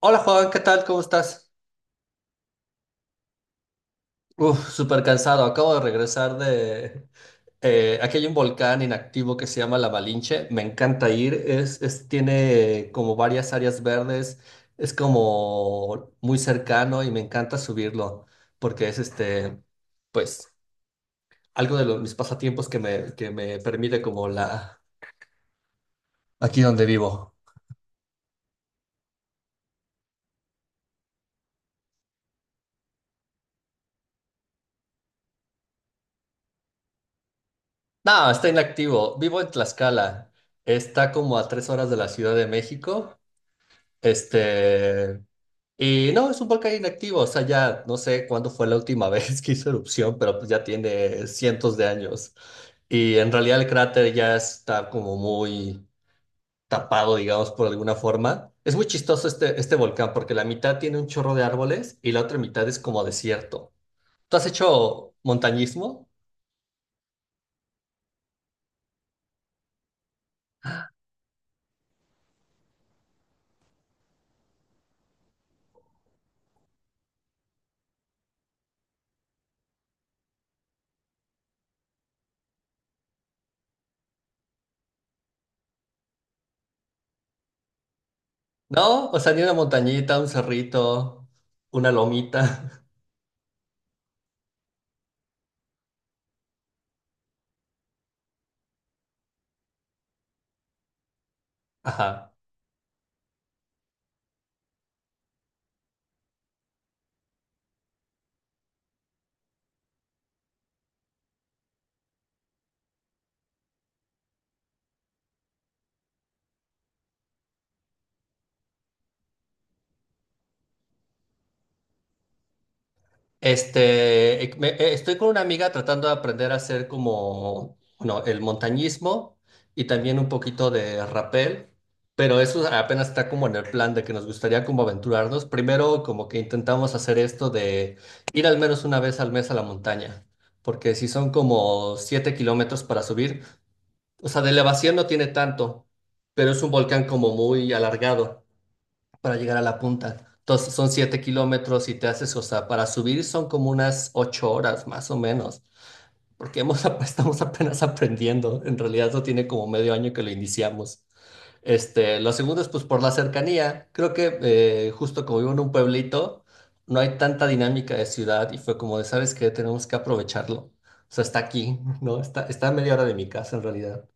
Hola Juan, ¿qué tal? ¿Cómo estás? Uf, súper cansado. Acabo de regresar. Aquí hay un volcán inactivo que se llama La Malinche. Me encanta ir. Tiene como varias áreas verdes. Es como muy cercano y me encanta subirlo porque pues, algo de mis pasatiempos que me permite aquí donde vivo. No, está inactivo. Vivo en Tlaxcala. Está como a 3 horas de la Ciudad de México. Este... Y no, es un volcán inactivo, o sea, ya no sé cuándo fue la última vez que hizo erupción, pero pues ya tiene cientos de años. Y en realidad el cráter ya está como muy tapado, digamos, por alguna forma. Es muy chistoso este volcán porque la mitad tiene un chorro de árboles y la otra mitad es como desierto. ¿Tú has hecho montañismo? ¿No? O sea, ni una montañita, un cerrito, una lomita. Ajá. Estoy con una amiga tratando de aprender a hacer como, bueno, el montañismo y también un poquito de rappel, pero eso apenas está como en el plan de que nos gustaría como aventurarnos. Primero como que intentamos hacer esto de ir al menos una vez al mes a la montaña, porque si son como 7 kilómetros para subir, o sea, de elevación no tiene tanto, pero es un volcán como muy alargado para llegar a la punta. Entonces son 7 kilómetros y te haces, o sea, para subir son como unas 8 horas más o menos, porque estamos apenas aprendiendo. En realidad no tiene como medio año que lo iniciamos. Lo segundo es pues por la cercanía. Creo que justo como vivo en un pueblito, no hay tanta dinámica de ciudad y fue como de, ¿sabes qué? Tenemos que aprovecharlo. O sea, está aquí, ¿no? Está a media hora de mi casa en realidad.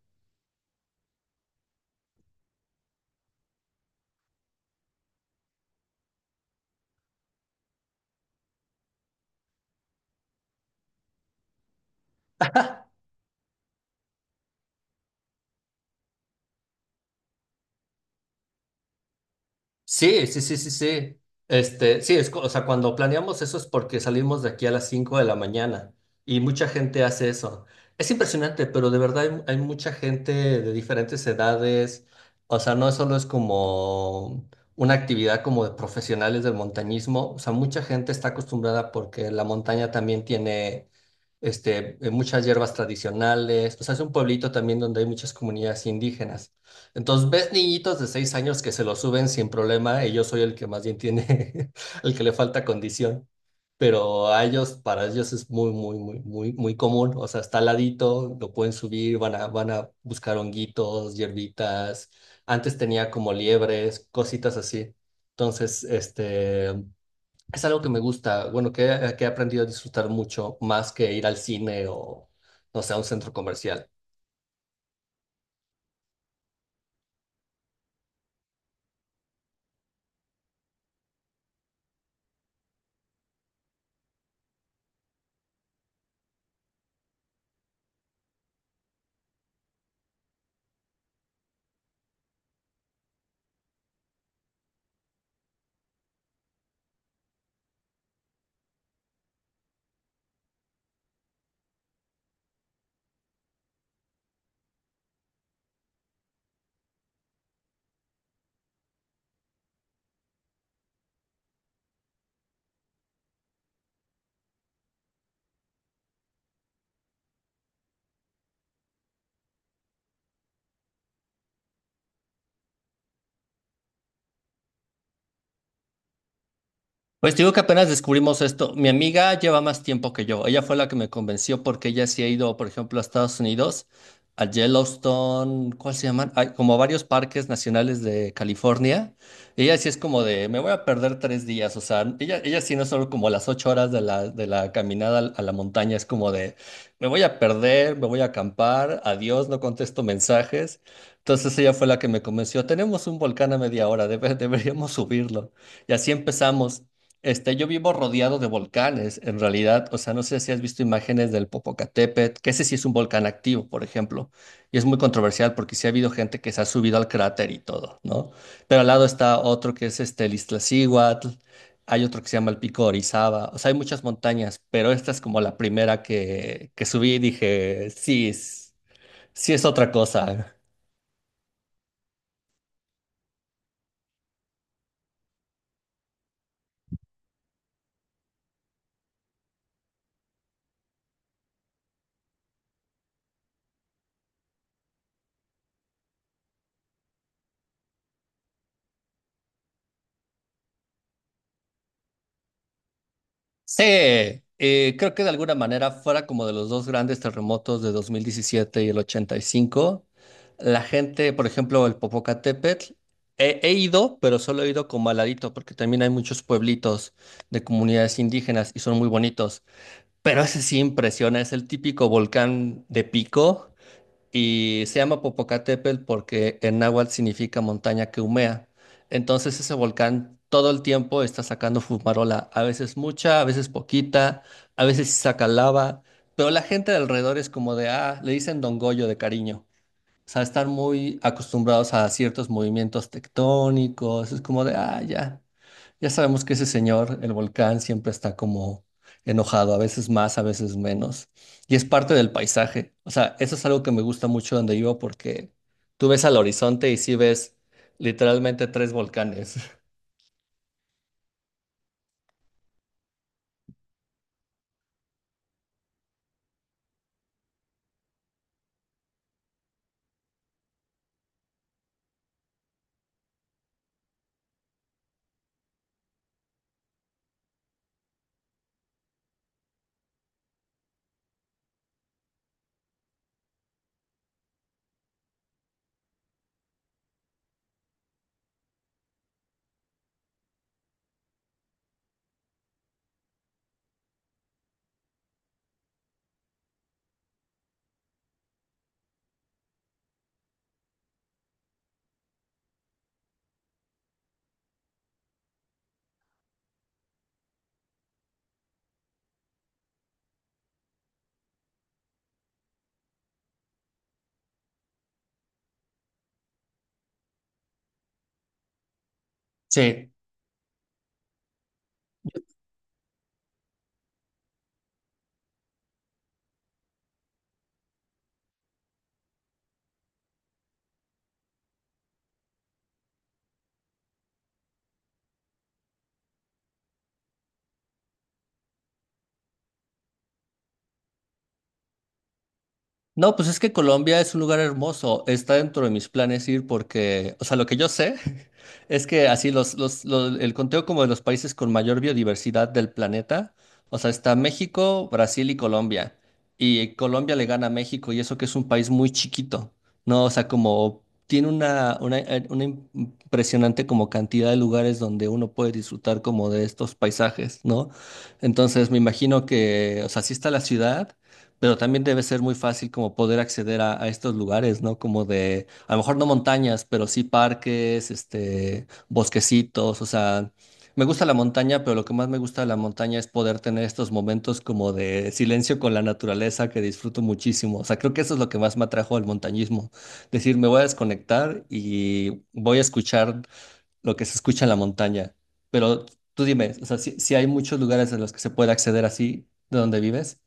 Sí, sí, sí, sí, sí. O sea, cuando planeamos eso es porque salimos de aquí a las 5 de la mañana y mucha gente hace eso. Es impresionante, pero de verdad hay mucha gente de diferentes edades. O sea, no solo es como una actividad como de profesionales del montañismo. O sea, mucha gente está acostumbrada porque la montaña también tiene muchas hierbas tradicionales. O sea, es un pueblito también donde hay muchas comunidades indígenas. Entonces ves niñitos de 6 años que se lo suben sin problema y yo soy el que más bien tiene, el que le falta condición, pero a ellos, para ellos es muy, muy, muy, muy, muy común, o sea, está al ladito, lo pueden subir, van a buscar honguitos, hierbitas, antes tenía como liebres, cositas así. Entonces, es algo que me gusta, bueno, que he aprendido a disfrutar mucho más que ir al cine o, no sé, a un centro comercial. Pues te digo que apenas descubrimos esto. Mi amiga lleva más tiempo que yo. Ella fue la que me convenció porque ella sí ha ido, por ejemplo, a Estados Unidos, a Yellowstone, ¿cuál se llaman? Hay como varios parques nacionales de California. Ella sí es como de, me voy a perder 3 días. O sea, ella sí no es solo como las 8 horas de la caminada a la montaña, es como de, me voy a perder, me voy a acampar, adiós, no contesto mensajes. Entonces ella fue la que me convenció. Tenemos un volcán a media hora, deberíamos subirlo. Y así empezamos. Yo vivo rodeado de volcanes, en realidad, o sea, no sé si has visto imágenes del Popocatépetl, que ese sí es un volcán activo, por ejemplo, y es muy controversial porque sí ha habido gente que se ha subido al cráter y todo, ¿no? Pero al lado está otro que es el Iztaccíhuatl, hay otro que se llama el Pico de Orizaba, o sea, hay muchas montañas, pero esta es como la primera que subí y dije, sí, sí es otra cosa. Sí, creo que de alguna manera fuera como de los dos grandes terremotos de 2017 y el 85. La gente, por ejemplo, el Popocatépetl, he ido, pero solo he ido como al ladito, porque también hay muchos pueblitos de comunidades indígenas y son muy bonitos. Pero ese sí impresiona, es el típico volcán de pico y se llama Popocatépetl porque en náhuatl significa montaña que humea. Entonces ese volcán todo el tiempo está sacando fumarola, a veces mucha, a veces poquita, a veces sí saca lava, pero la gente de alrededor es como de, ah, le dicen Don Goyo de cariño. O sea, están muy acostumbrados a ciertos movimientos tectónicos, es como de, ah, ya. Ya sabemos que ese señor, el volcán, siempre está como enojado, a veces más, a veces menos. Y es parte del paisaje. O sea, eso es algo que me gusta mucho donde vivo porque tú ves al horizonte y sí ves literalmente tres volcanes. Sí, no, pues es que Colombia es un lugar hermoso. Está dentro de mis planes ir porque, o sea, lo que yo sé es que así el conteo como de los países con mayor biodiversidad del planeta, o sea, está México, Brasil y Colombia. Y Colombia le gana a México y eso que es un país muy chiquito, ¿no? O sea, como tiene una impresionante como cantidad de lugares donde uno puede disfrutar como de estos paisajes, ¿no? Entonces me imagino que, o sea, sí está la ciudad. Pero también debe ser muy fácil como poder acceder a estos lugares, ¿no? Como de, a lo mejor no montañas, pero sí parques, bosquecitos, o sea, me gusta la montaña, pero lo que más me gusta de la montaña es poder tener estos momentos como de silencio con la naturaleza que disfruto muchísimo. O sea, creo que eso es lo que más me atrajo al montañismo. Decir, me voy a desconectar y voy a escuchar lo que se escucha en la montaña. Pero tú dime, o sea, si hay muchos lugares en los que se puede acceder así, de donde vives.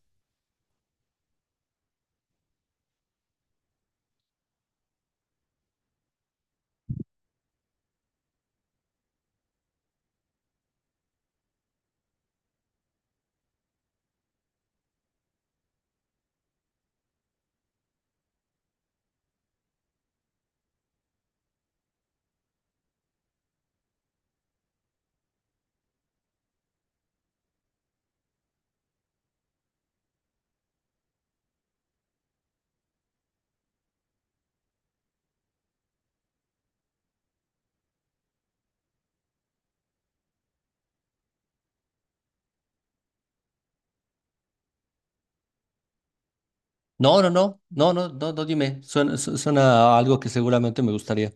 No, no, no, no, no, no, no, dime. Suena, suena a algo que seguramente me gustaría.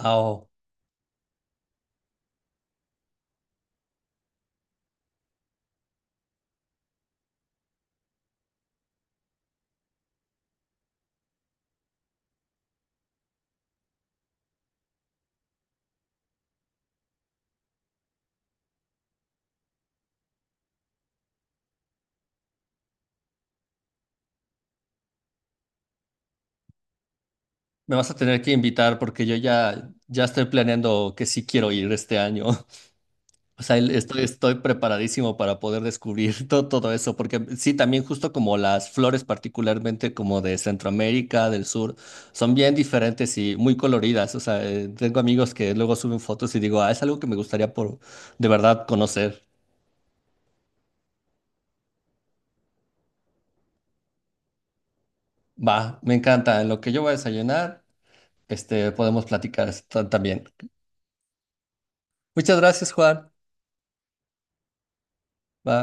Ah, oh, me vas a tener que invitar porque yo ya, ya estoy planeando que sí quiero ir este año. O sea, estoy preparadísimo para poder descubrir todo, todo eso, porque sí, también justo como las flores, particularmente como de Centroamérica, del sur, son bien diferentes y muy coloridas. O sea, tengo amigos que luego suben fotos y digo, ah, es algo que me gustaría por de verdad conocer. Va, me encanta. En lo que yo voy a desayunar podemos platicar esto también. Muchas gracias, Juan. Va.